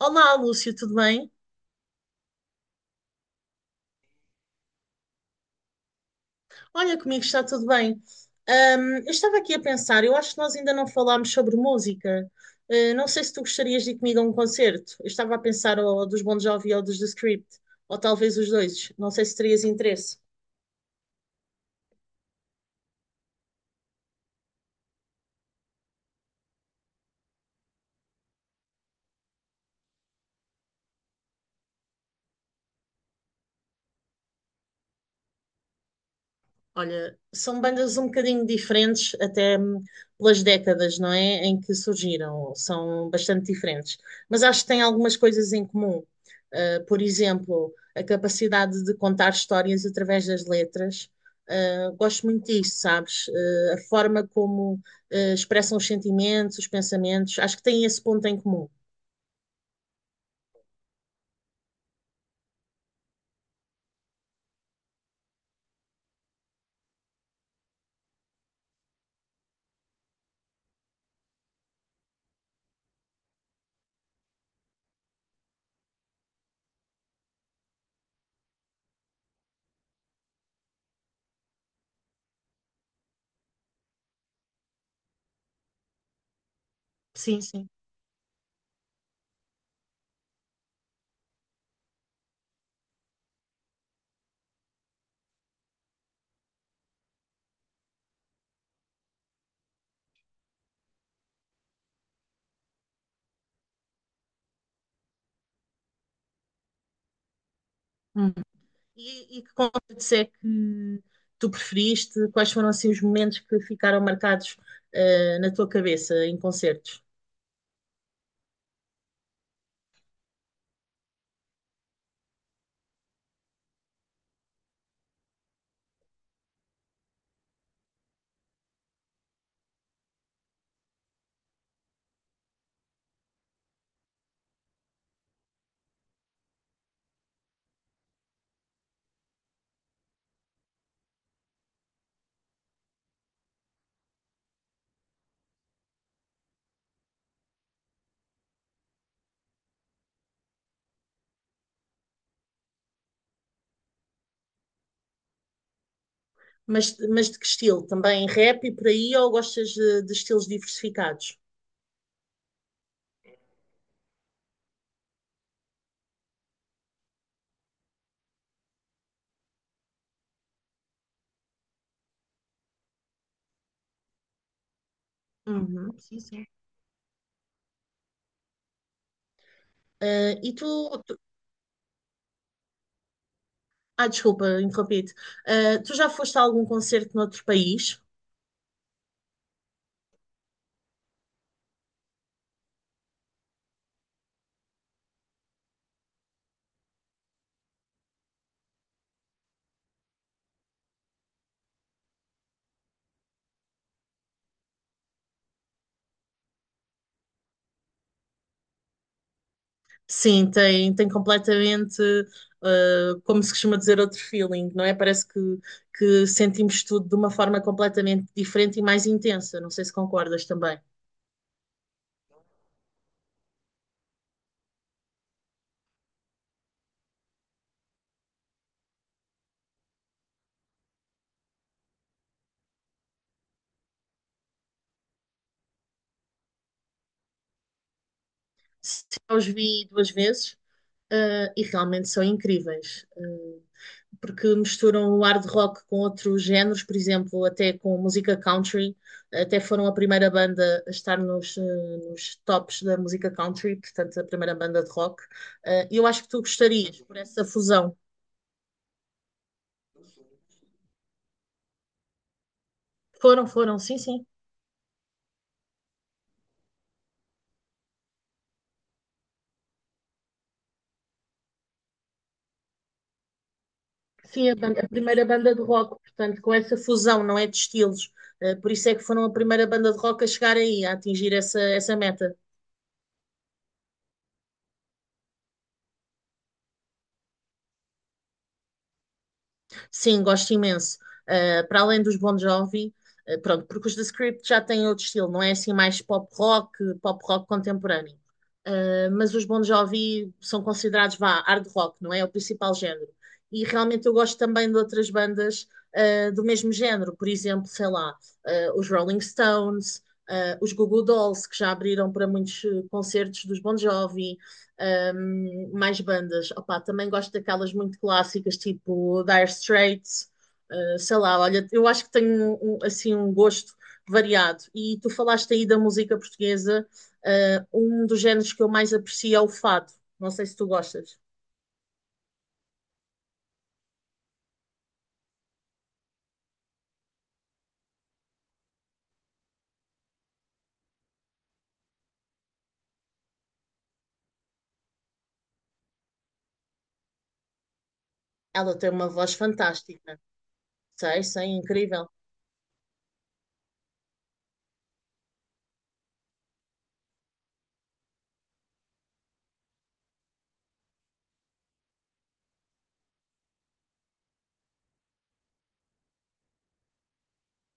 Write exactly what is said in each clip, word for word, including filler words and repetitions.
Olá, Lúcio, tudo bem? Olha, comigo está tudo bem. Ahm, eu estava aqui a pensar, eu acho que nós ainda não falámos sobre música. Ah, não sei se tu gostarias de ir comigo a um concerto. Eu estava a pensar ou dos Bon Jovi ou dos The Script, ou talvez os dois. Não sei se terias interesse. Olha, são bandas um bocadinho diferentes, até hum, pelas décadas, não é? Em que surgiram, são bastante diferentes. Mas acho que têm algumas coisas em comum. Uh, por exemplo, a capacidade de contar histórias através das letras. Uh, gosto muito disso, sabes? Uh, a forma como, uh, expressam os sentimentos, os pensamentos. Acho que têm esse ponto em comum. Sim, sim. E, e que concertos é que tu preferiste? Quais foram assim os momentos que ficaram marcados eh, na tua cabeça em concertos? Mas, mas de que estilo? Também rap e por aí ou gostas de, de estilos diversificados? Uhum, sim, sim. Eh, e tu, tu- Ah, desculpa, interrompi-te. Eh, tu já foste a algum concerto noutro país? Sim, tem, tem completamente, eh, como se costuma dizer, outro feeling, não é? Parece que, que sentimos tudo de uma forma completamente diferente e mais intensa. Não sei se concordas também. Eu os vi duas vezes, eh, e realmente são incríveis, eh, porque misturam o hard rock com outros géneros, por exemplo, até com música country. Até foram a primeira banda a estar nos, eh, nos tops da música country, portanto, a primeira banda de rock. Eh, E eu acho que tu gostarias por essa fusão. Foram, foram, sim, sim. Sim, a, banda- a primeira banda de rock, portanto, com essa fusão, não é de estilos. Eh, Por isso é que foram a primeira banda de rock a chegar aí, a atingir essa, essa meta. Sim, gosto imenso. Uh, para além dos Bon Jovi, uh, pronto, porque os The Script já têm outro estilo, não é assim mais pop rock, pop rock contemporâneo. Uh, mas os Bon Jovi são considerados, vá, hard rock, não é? É o principal género. E realmente eu gosto também de outras bandas uh, do mesmo género, por exemplo, sei lá, uh, os Rolling Stones, uh, os Goo Goo Dolls, que já abriram para muitos uh, concertos dos Bon Jovi. Ahm, mais bandas. Opa, também gosto daquelas muito clássicas, tipo Dire Straits, ah, sei lá, olha, eu acho que tenho um- um, assim um gosto variado. E tu falaste aí da música portuguesa, ah, um dos géneros que eu mais aprecio é o fado. Não sei se tu gostas. Ela tem uma voz fantástica. Sei, sei, incrível.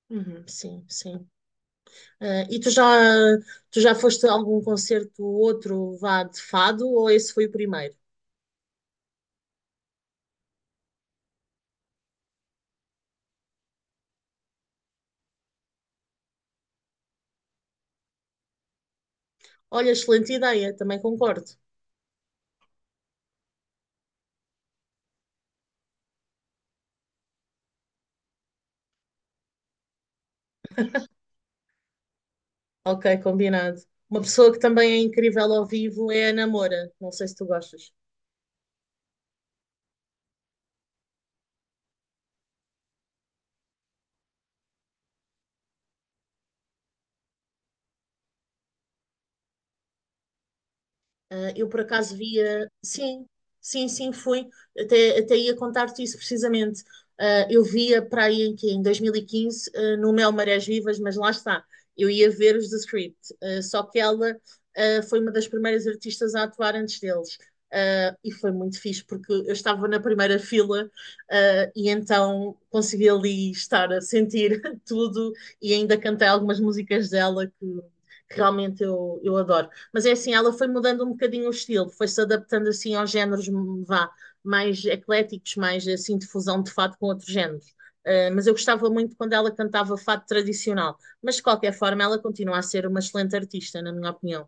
Uhum, sim, sim. Ah, e tu já, tu já foste a algum concerto ou outro vá de fado ou esse foi o primeiro? Olha, excelente ideia, também concordo. Ok, combinado. Uma pessoa que também é incrível ao vivo é a Ana Moura. Não sei se tu gostas. Ah, eu por acaso via, sim, sim, sim, fui, até, até ia contar-te isso precisamente. Ah, eu via para aí em, que, em dois mil e quinze ah, no Mel Marés Vivas, mas lá está, eu ia ver os The Script. Ah, só que ela ah, foi uma das primeiras artistas a atuar antes deles. Ah, e foi muito fixe, porque eu estava na primeira fila, ah, e então consegui ali estar a sentir tudo e ainda cantei algumas músicas dela que que realmente eu, eu adoro. Mas é assim, ela foi mudando um bocadinho o estilo, foi-se adaptando assim aos géneros vá, mais ecléticos, mais assim de fusão de fado com outros géneros. Eh, mas eu gostava muito quando ela cantava fado tradicional. Mas de qualquer forma, ela continua a ser uma excelente artista, na minha opinião.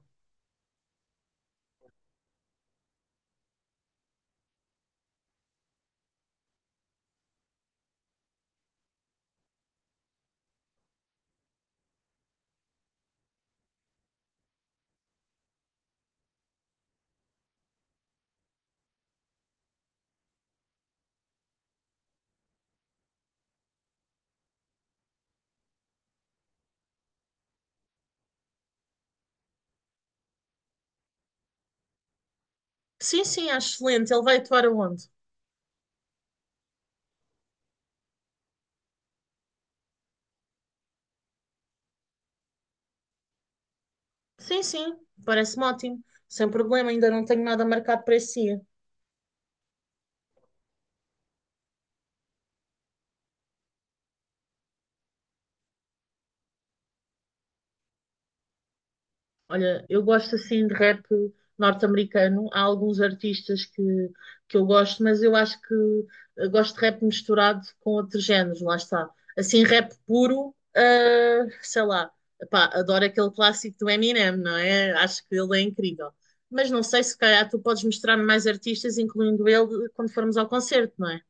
Sim, sim, acho excelente. Ele vai atuar aonde? Sim, sim, parece-me ótimo. Sem problema, ainda não tenho nada marcado para esse dia. Olha, eu gosto assim de rap norte-americano. Há alguns artistas que, que eu gosto, mas eu acho que eu gosto de rap misturado com outros géneros, lá está. Assim, rap puro, ah, sei lá, epá, adoro aquele clássico do Eminem, não é? Acho que ele é incrível. Mas não sei se calhar tu podes mostrar mais artistas, incluindo ele, quando formos ao concerto, não é?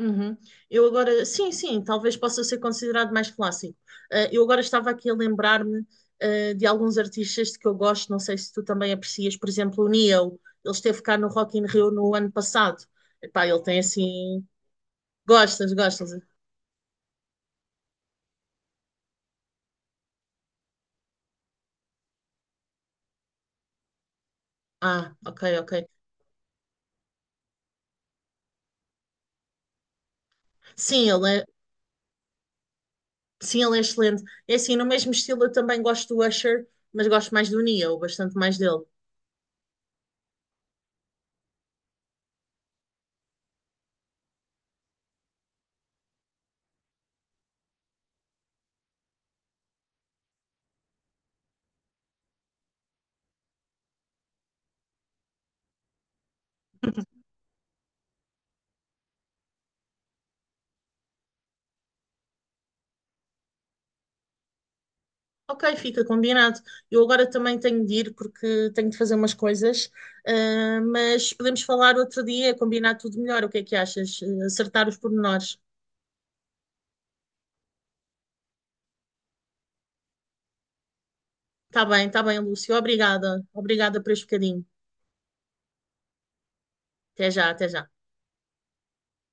Uhum. Eu agora, sim, sim, talvez possa ser considerado mais clássico. Eh, eu agora estava aqui a lembrar-me, eh, de alguns artistas de que eu gosto, não sei se tu também aprecias, por exemplo, o Neo, ele esteve cá no Rock in Rio no ano passado. Epá, ele tem assim. Gostas, gostas? Ah, ok, ok. Sim, ele é, sim, ele é excelente. É assim, no mesmo estilo eu também gosto do Usher, mas gosto mais do Neo, bastante mais dele. Ok, fica combinado. Eu agora também tenho de ir porque tenho de fazer umas coisas, ah, mas podemos falar outro dia, combinar tudo melhor. O que é que achas? Eh, Acertar os pormenores. Tá bem, tá bem, Lúcio. Obrigada. Obrigada por este bocadinho. Até já, até já.